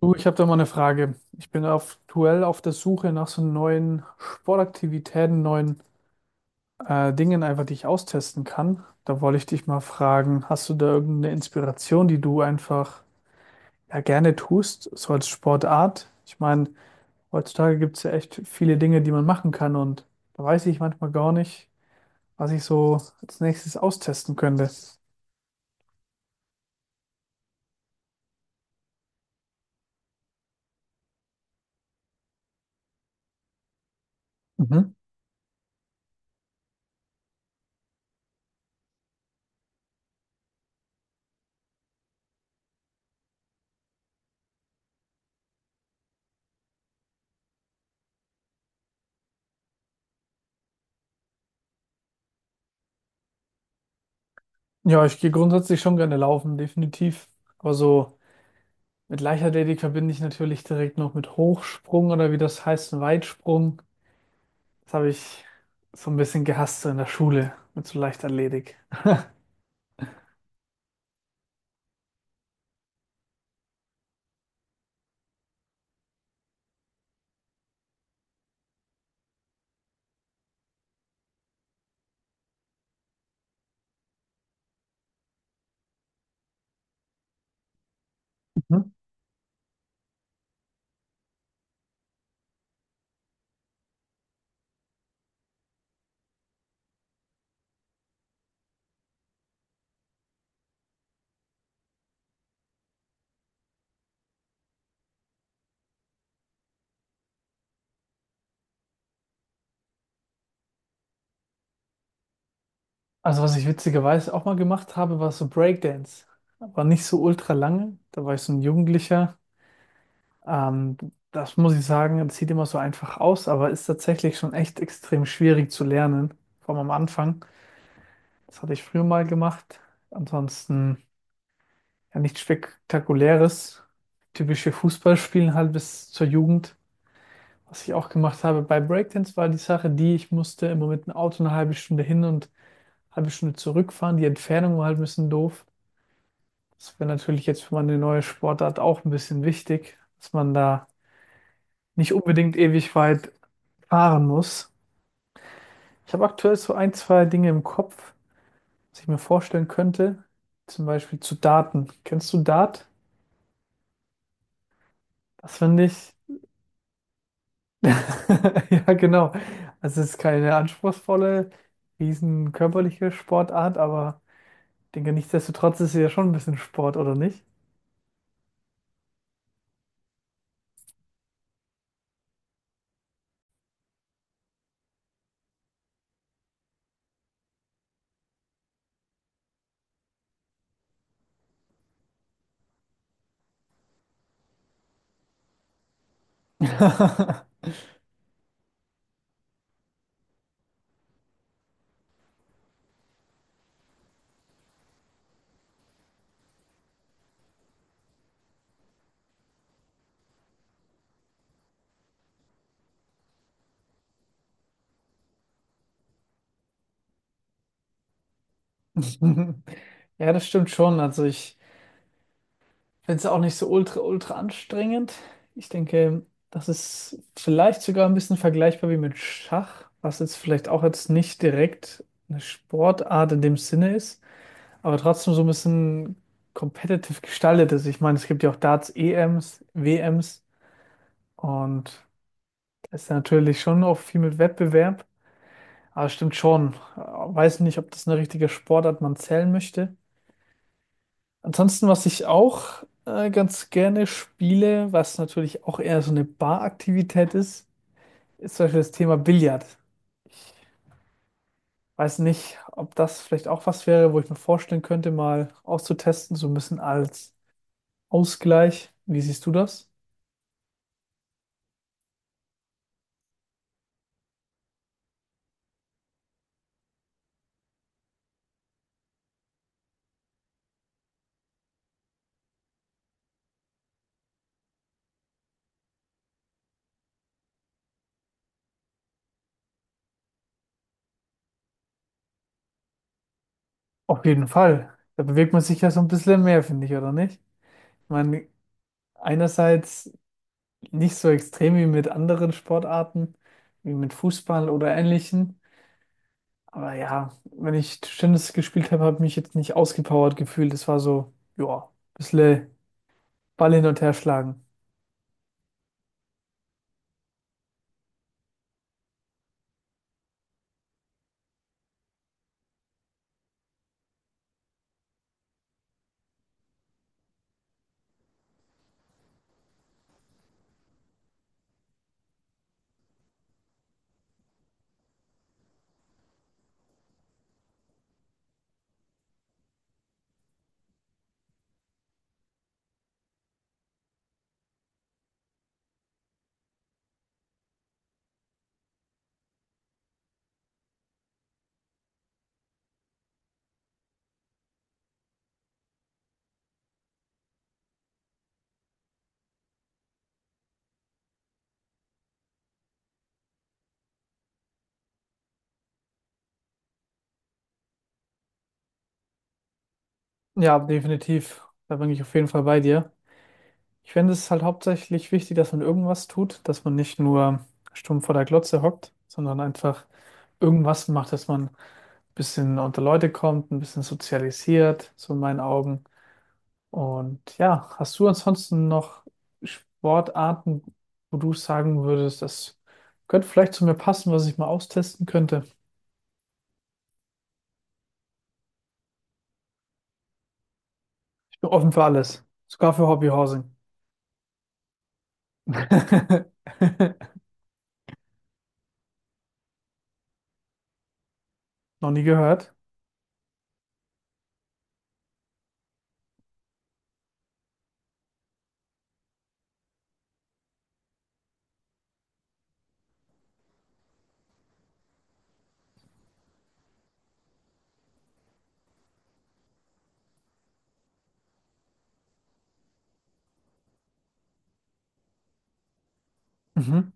Du, ich habe da mal eine Frage. Ich bin aktuell auf der Suche nach so neuen Sportaktivitäten, neuen Dingen einfach, die ich austesten kann. Da wollte ich dich mal fragen, hast du da irgendeine Inspiration, die du einfach ja, gerne tust, so als Sportart? Ich meine, heutzutage gibt es ja echt viele Dinge, die man machen kann, und da weiß ich manchmal gar nicht, was ich so als nächstes austesten könnte. Mhm. Ja, ich gehe grundsätzlich schon gerne laufen, definitiv. Aber so: mit Leichtathletik verbinde ich natürlich direkt noch mit Hochsprung oder wie das heißt, Weitsprung. Das habe ich so ein bisschen gehasst so in der Schule mit so Leichtathletik. Mhm. Also was ich witzigerweise auch mal gemacht habe, war so Breakdance. Aber nicht so ultra lange. Da war ich so ein Jugendlicher. Ähm, das muss ich sagen, das sieht immer so einfach aus, aber ist tatsächlich schon echt extrem schwierig zu lernen. Vor allem am Anfang. Das hatte ich früher mal gemacht. Ansonsten, ja, nichts Spektakuläres. Typische Fußballspielen halt bis zur Jugend. Was ich auch gemacht habe bei Breakdance, war die Sache, die ich musste immer mit dem Auto eine halbe Stunde hin und eine halbe Stunde zurückfahren. Die Entfernung war halt ein bisschen doof. Das wäre natürlich jetzt für meine neue Sportart auch ein bisschen wichtig, dass man da nicht unbedingt ewig weit fahren muss. Ich habe aktuell so ein, zwei Dinge im Kopf, was ich mir vorstellen könnte. Zum Beispiel zu Darten. Kennst du Dart? Das finde ich. Ja, genau. Also es ist keine anspruchsvolle, riesen körperliche Sportart, aber ich denke, nichtsdestotrotz ist sie ja schon ein bisschen Sport, oder nicht? Ja, das stimmt schon. Also ich finde es auch nicht so ultra, ultra anstrengend. Ich denke, das ist vielleicht sogar ein bisschen vergleichbar wie mit Schach, was jetzt vielleicht auch jetzt nicht direkt eine Sportart in dem Sinne ist, aber trotzdem so ein bisschen competitive gestaltet ist. Ich meine, es gibt ja auch Darts-EMs, WMs. Und da ist ja natürlich schon auch viel mit Wettbewerb. Aber stimmt schon. Weiß nicht, ob das eine richtige Sportart man zählen möchte. Ansonsten, was ich auch ganz gerne spiele, was natürlich auch eher so eine Baraktivität ist, ist zum Beispiel das Thema Billard. Ich weiß nicht, ob das vielleicht auch was wäre, wo ich mir vorstellen könnte, mal auszutesten, so ein bisschen als Ausgleich. Wie siehst du das? Auf jeden Fall. Da bewegt man sich ja so ein bisschen mehr, finde ich, oder nicht? Ich meine, einerseits nicht so extrem wie mit anderen Sportarten, wie mit Fußball oder ähnlichen. Aber ja, wenn ich Tischtennis gespielt habe, habe ich mich jetzt nicht ausgepowert gefühlt. Es war so, ja, ein bisschen Ball hin und her schlagen. Ja, definitiv. Da bin ich auf jeden Fall bei dir. Ich finde es halt hauptsächlich wichtig, dass man irgendwas tut, dass man nicht nur stumm vor der Glotze hockt, sondern einfach irgendwas macht, dass man ein bisschen unter Leute kommt, ein bisschen sozialisiert, so in meinen Augen. Und ja, hast du ansonsten noch Sportarten, wo du sagen würdest, das könnte vielleicht zu mir passen, was ich mal austesten könnte? Ich bin offen für alles, sogar für Hobbyhousing. Noch nie gehört. Mhm.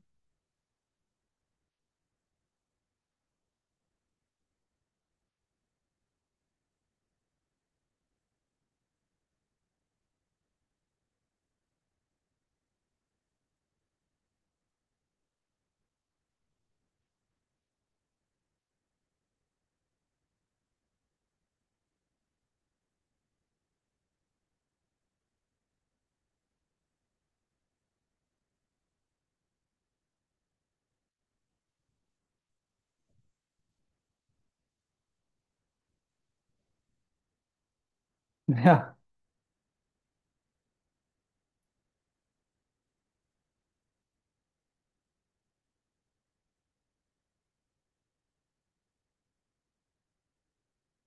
Ja,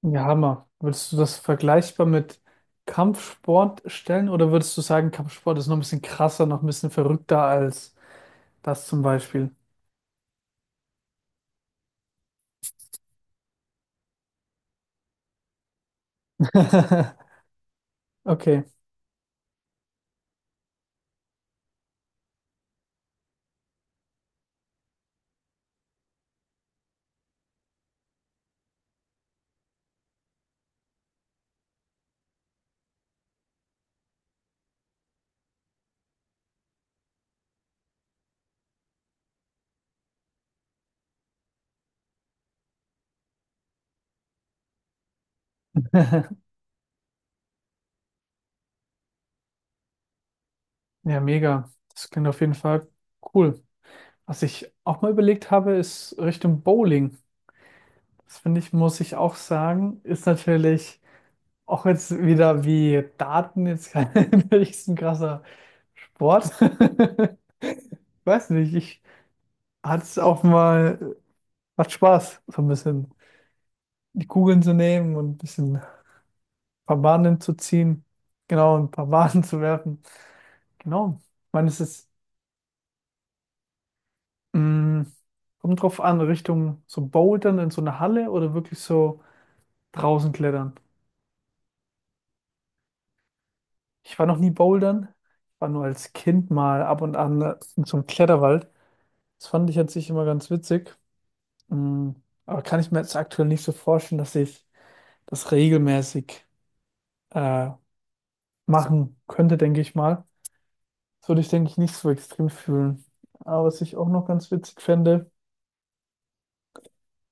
ja, Hammer. Würdest du das vergleichbar mit Kampfsport stellen oder würdest du sagen, Kampfsport ist noch ein bisschen krasser, noch ein bisschen verrückter als das zum Beispiel? Okay. Ja, mega. Das klingt auf jeden Fall cool. Was ich auch mal überlegt habe, ist Richtung Bowling. Das finde ich, muss ich auch sagen, ist natürlich auch jetzt wieder wie Daten jetzt kein richtig krasser Sport. Ich weiß nicht, ich hatte es auch mal, macht Spaß, so ein bisschen die Kugeln zu nehmen und ein bisschen ein paar Bahnen zu ziehen. Genau, ein paar Bahnen zu werfen. Genau. Ich meine, es ist, mh, kommt drauf an, Richtung so Bouldern in so eine Halle oder wirklich so draußen klettern. Ich war noch nie bouldern. Ich war nur als Kind mal ab und an in so einem Kletterwald. Das fand ich an sich immer ganz witzig. Mm, Aber kann ich mir jetzt aktuell nicht so vorstellen, dass ich das regelmäßig äh, machen könnte, denke ich mal. Das würde ich, denke ich, nicht so extrem fühlen. Aber was ich auch noch ganz witzig fände,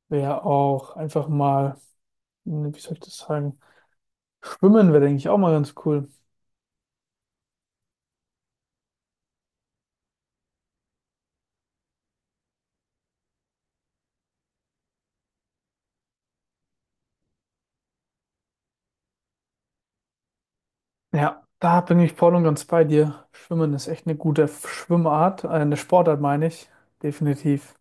wäre auch einfach mal, hm, wie soll ich das sagen, schwimmen wäre, denke ich, auch mal ganz cool. Ja, da bin ich voll und ganz bei dir. Schwimmen ist echt eine gute Schwimmart, eine Sportart meine ich, definitiv.